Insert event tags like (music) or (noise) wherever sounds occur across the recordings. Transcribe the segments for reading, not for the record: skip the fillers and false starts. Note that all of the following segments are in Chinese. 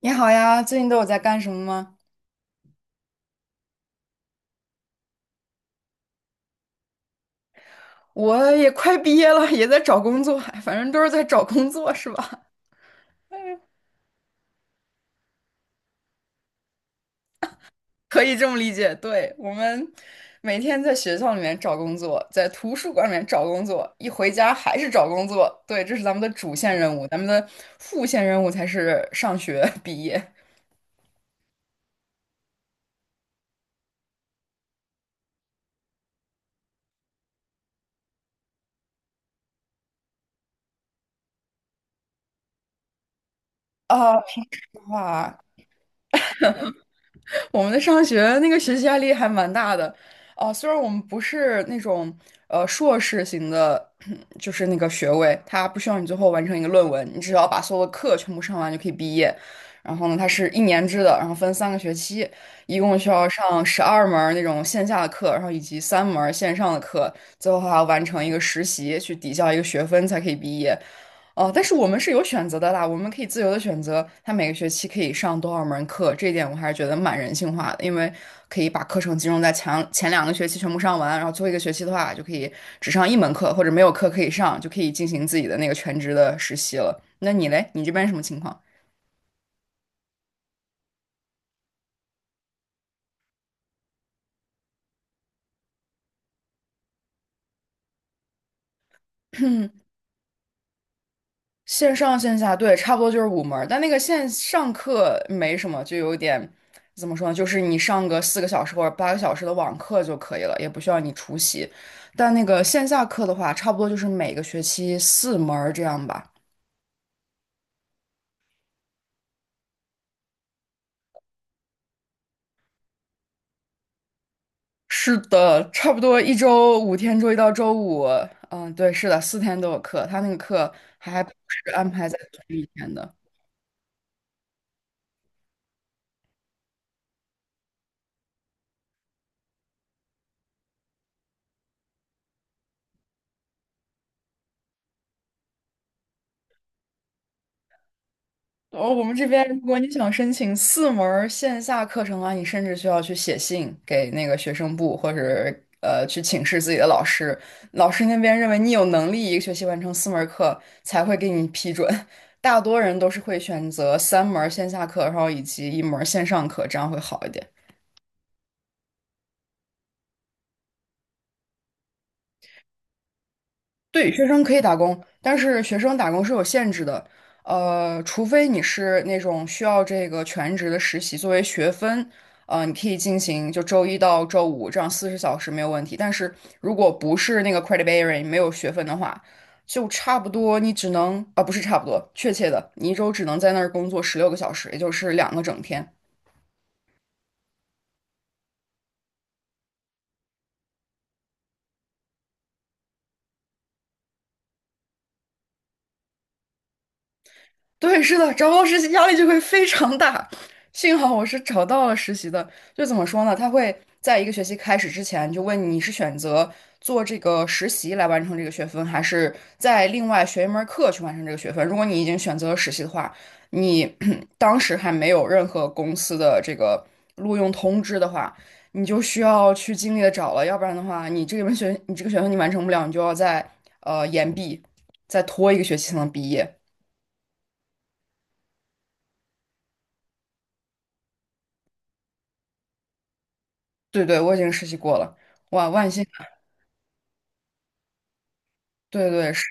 你好呀，最近都有在干什么吗？我也快毕业了，也在找工作，(laughs) 哎反正都是在找工作，是吧？(laughs) 可以这么理解。对，我们每天在学校里面找工作，在图书馆里面找工作，一回家还是找工作。对，这是咱们的主线任务，咱们的副线任务才是上学 (laughs) 毕业。啊，听话，我们的上学那个学习压力还蛮大的，啊，虽然我们不是那种硕士型的，(clears throat) 就是那个学位，它不需要你最后完成一个论文，你只要把所有的课全部上完就可以毕业。然后呢，它是一年制的，然后分三个学期，一共需要上12门儿那种线下的课，然后以及三门儿线上的课，最后还要完成一个实习去抵消一个学分才可以毕业。哦，但是我们是有选择的啦，我们可以自由的选择，他每个学期可以上多少门课，这一点我还是觉得蛮人性化的，因为可以把课程集中在前两个学期全部上完，然后最后一个学期的话就可以只上一门课，或者没有课可以上，就可以进行自己的那个全职的实习了。那你嘞，你这边什么情况？线上线下，对，差不多就是五门儿但那个线上课没什么，就有点怎么说呢？就是你上个四个小时或者八个小时的网课就可以了，也不需要你出席。但那个线下课的话，差不多就是每个学期四门儿这样吧。是的，差不多一周五天，周一到周五，嗯，对，是的，四天都有课。他那个课还不是安排在同一天的。哦，我们这边如果你想申请四门儿线下课程的话，你甚至需要去写信给那个学生部，或者去请示自己的老师。老师那边认为你有能力一个学期完成四门儿课，才会给你批准。(laughs) 大多人都是会选择三门儿线下课，然后以及一门儿线上课，这样会好一点。对，学生可以打工，但是学生打工是有限制的，除非你是那种需要这个全职的实习作为学分，你可以进行就周一到周五这样40小时没有问题。但是如果不是那个 credit bearing 没有学分的话，就差不多你只能啊，不是差不多，确切的，你一周只能在那儿工作16个小时，也就是两个整天。对，是的，找不到实习压力就会非常大。幸好我是找到了实习的，就怎么说呢？他会在一个学期开始之前就问你你是选择做这个实习来完成这个学分，还是在另外学一门课去完成这个学分。如果你已经选择了实习的话，你 (clears throat) 当时还没有任何公司的这个录用通知的话，你就需要去尽力的找了，要不然的话，你这个学分你完成不了，你就要在延毕，再拖一个学期才能毕业。对对，我已经实习过了，哇，万幸啊对对是，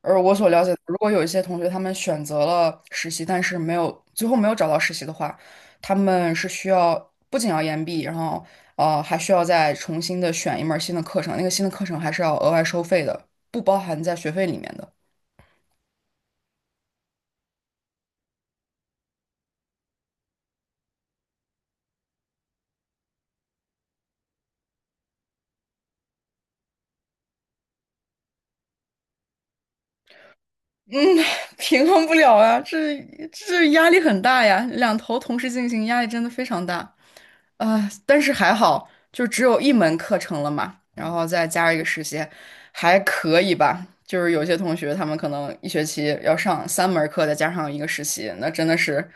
而我所了解的，如果有一些同学他们选择了实习，但是没有最后没有找到实习的话，他们是需要不仅要延毕，然后还需要再重新的选一门儿新的课程，那个新的课程还是要额外收费的，不包含在学费里面的。嗯，(laughs) 平衡不了啊，这压力很大呀，两头同时进行，压力真的非常大。啊，但是还好，就只有一门课程了嘛，然后再加上一个实习，还可以吧。就是有些同学他们可能一学期要上三门课，再加上一个实习，那真的是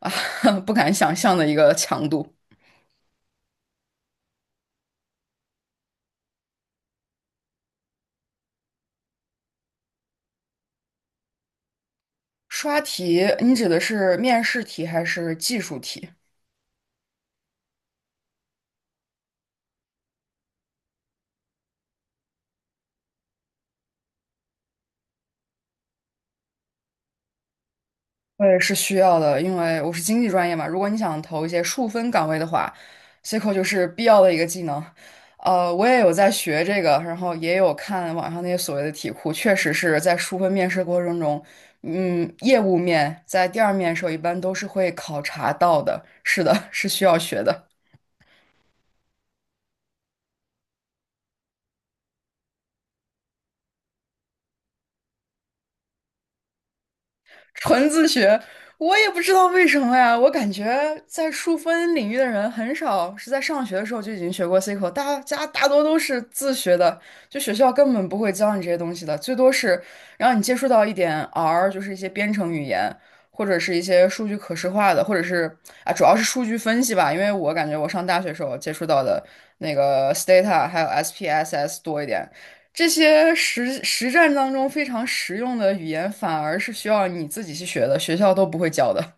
啊，(laughs) 不敢想象的一个强度。刷题，你指的是面试题还是技术题？我也是需要的，因为我是经济专业嘛。如果你想投一些数分岗位的话，SQL 就是必要的一个技能。我也有在学这个，然后也有看网上那些所谓的题库，确实是在数分面试过程中，嗯，业务面在第二面的时候一般都是会考察到的。是的，是需要学的。纯自学，我也不知道为什么呀。我感觉在数分领域的人很少是在上学的时候就已经学过 C 口，大家大多都是自学的，就学校根本不会教你这些东西的，最多是让你接触到一点 R,就是一些编程语言，或者是一些数据可视化的，或者是啊，主要是数据分析吧。因为我感觉我上大学时候接触到的那个 Stata 还有 SPSS 多一点。这些实战当中非常实用的语言，反而是需要你自己去学的，学校都不会教的。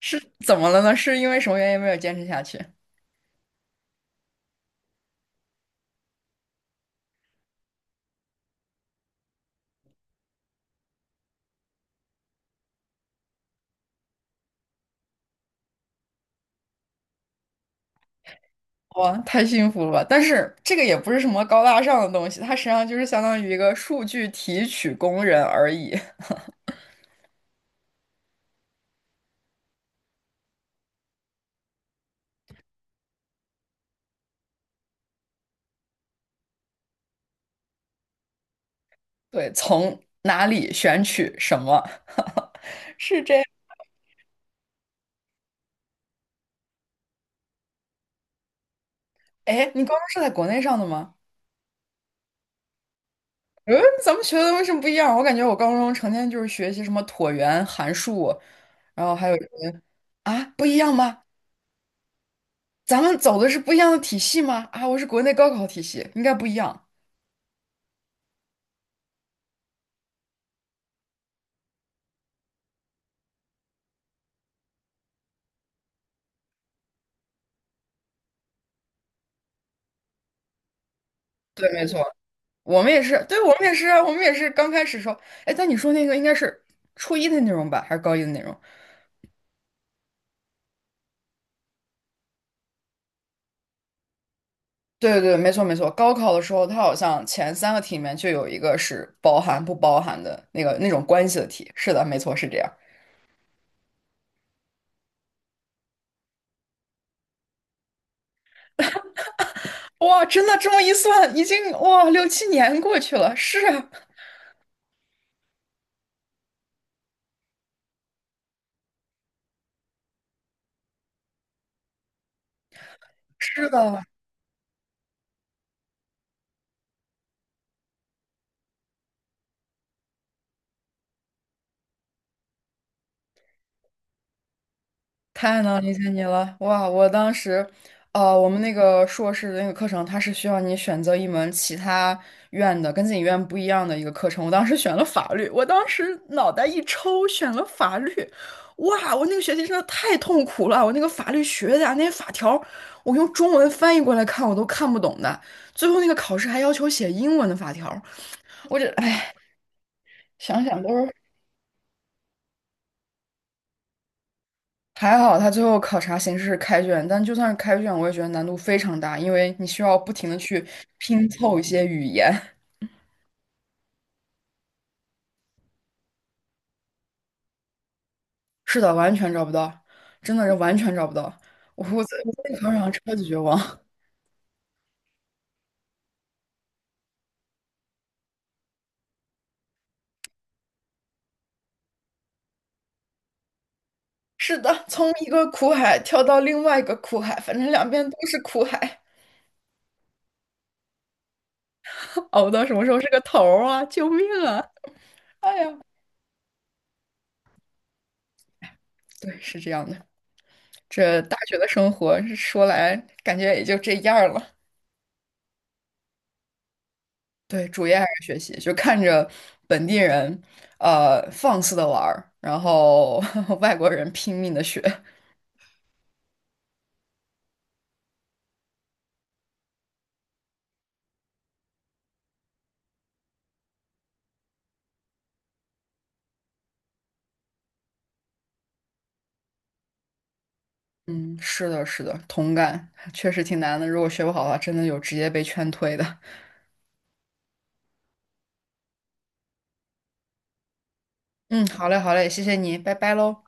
是怎么了呢？是因为什么原因没有坚持下去？哇，太幸福了吧！但是这个也不是什么高大上的东西，它实际上就是相当于一个数据提取工人而已。对，从哪里选取什么，(laughs) 是这样。哎，你高中是在国内上的吗？嗯，咱们学的为什么不一样？我感觉我高中成天就是学习什么椭圆、函数，然后还有什么啊，不一样吗？咱们走的是不一样的体系吗？啊，我是国内高考体系，应该不一样。对，没错，我们也是，对，我们也是啊，我们也是刚开始时候，哎，但你说那个应该是初一的内容吧，还是高一的内容？对对对，没错没错。高考的时候，它好像前三个题里面就有一个是包含不包含的那个那种关系的题。是的，没错，是这样。哇，真的这么一算，已经哇六七年过去了。是啊，(laughs) 是的，太能理解你了。哇，我当时，我们那个硕士的那个课程，它是需要你选择一门其他院的跟自己院不一样的一个课程。我当时选了法律，我当时脑袋一抽选了法律。哇，我那个学期真的太痛苦了，我那个法律学的啊那些法条，我用中文翻译过来看我都看不懂的。最后那个考试还要求写英文的法条，我这哎，想想都是。还好他最后考察形式是开卷，但就算是开卷，我也觉得难度非常大，因为你需要不停的去拼凑一些语言。(laughs) 是的，完全找不到，真的是完全找不到。我在考场上超级绝望。(laughs) 是的，从一个苦海跳到另外一个苦海，反正两边都是苦海，(laughs) 熬到什么时候是个头儿啊！救命啊！哎呀，对，是这样的。这大学的生活说来感觉也就这样儿了。对，主业还是学习，就看着本地人，放肆的玩儿，然后 (laughs) 外国人拼命的学。嗯，是的，是的，同感，确实挺难的。如果学不好的话，真的有直接被劝退的。嗯，好嘞，好嘞，谢谢你，拜拜喽。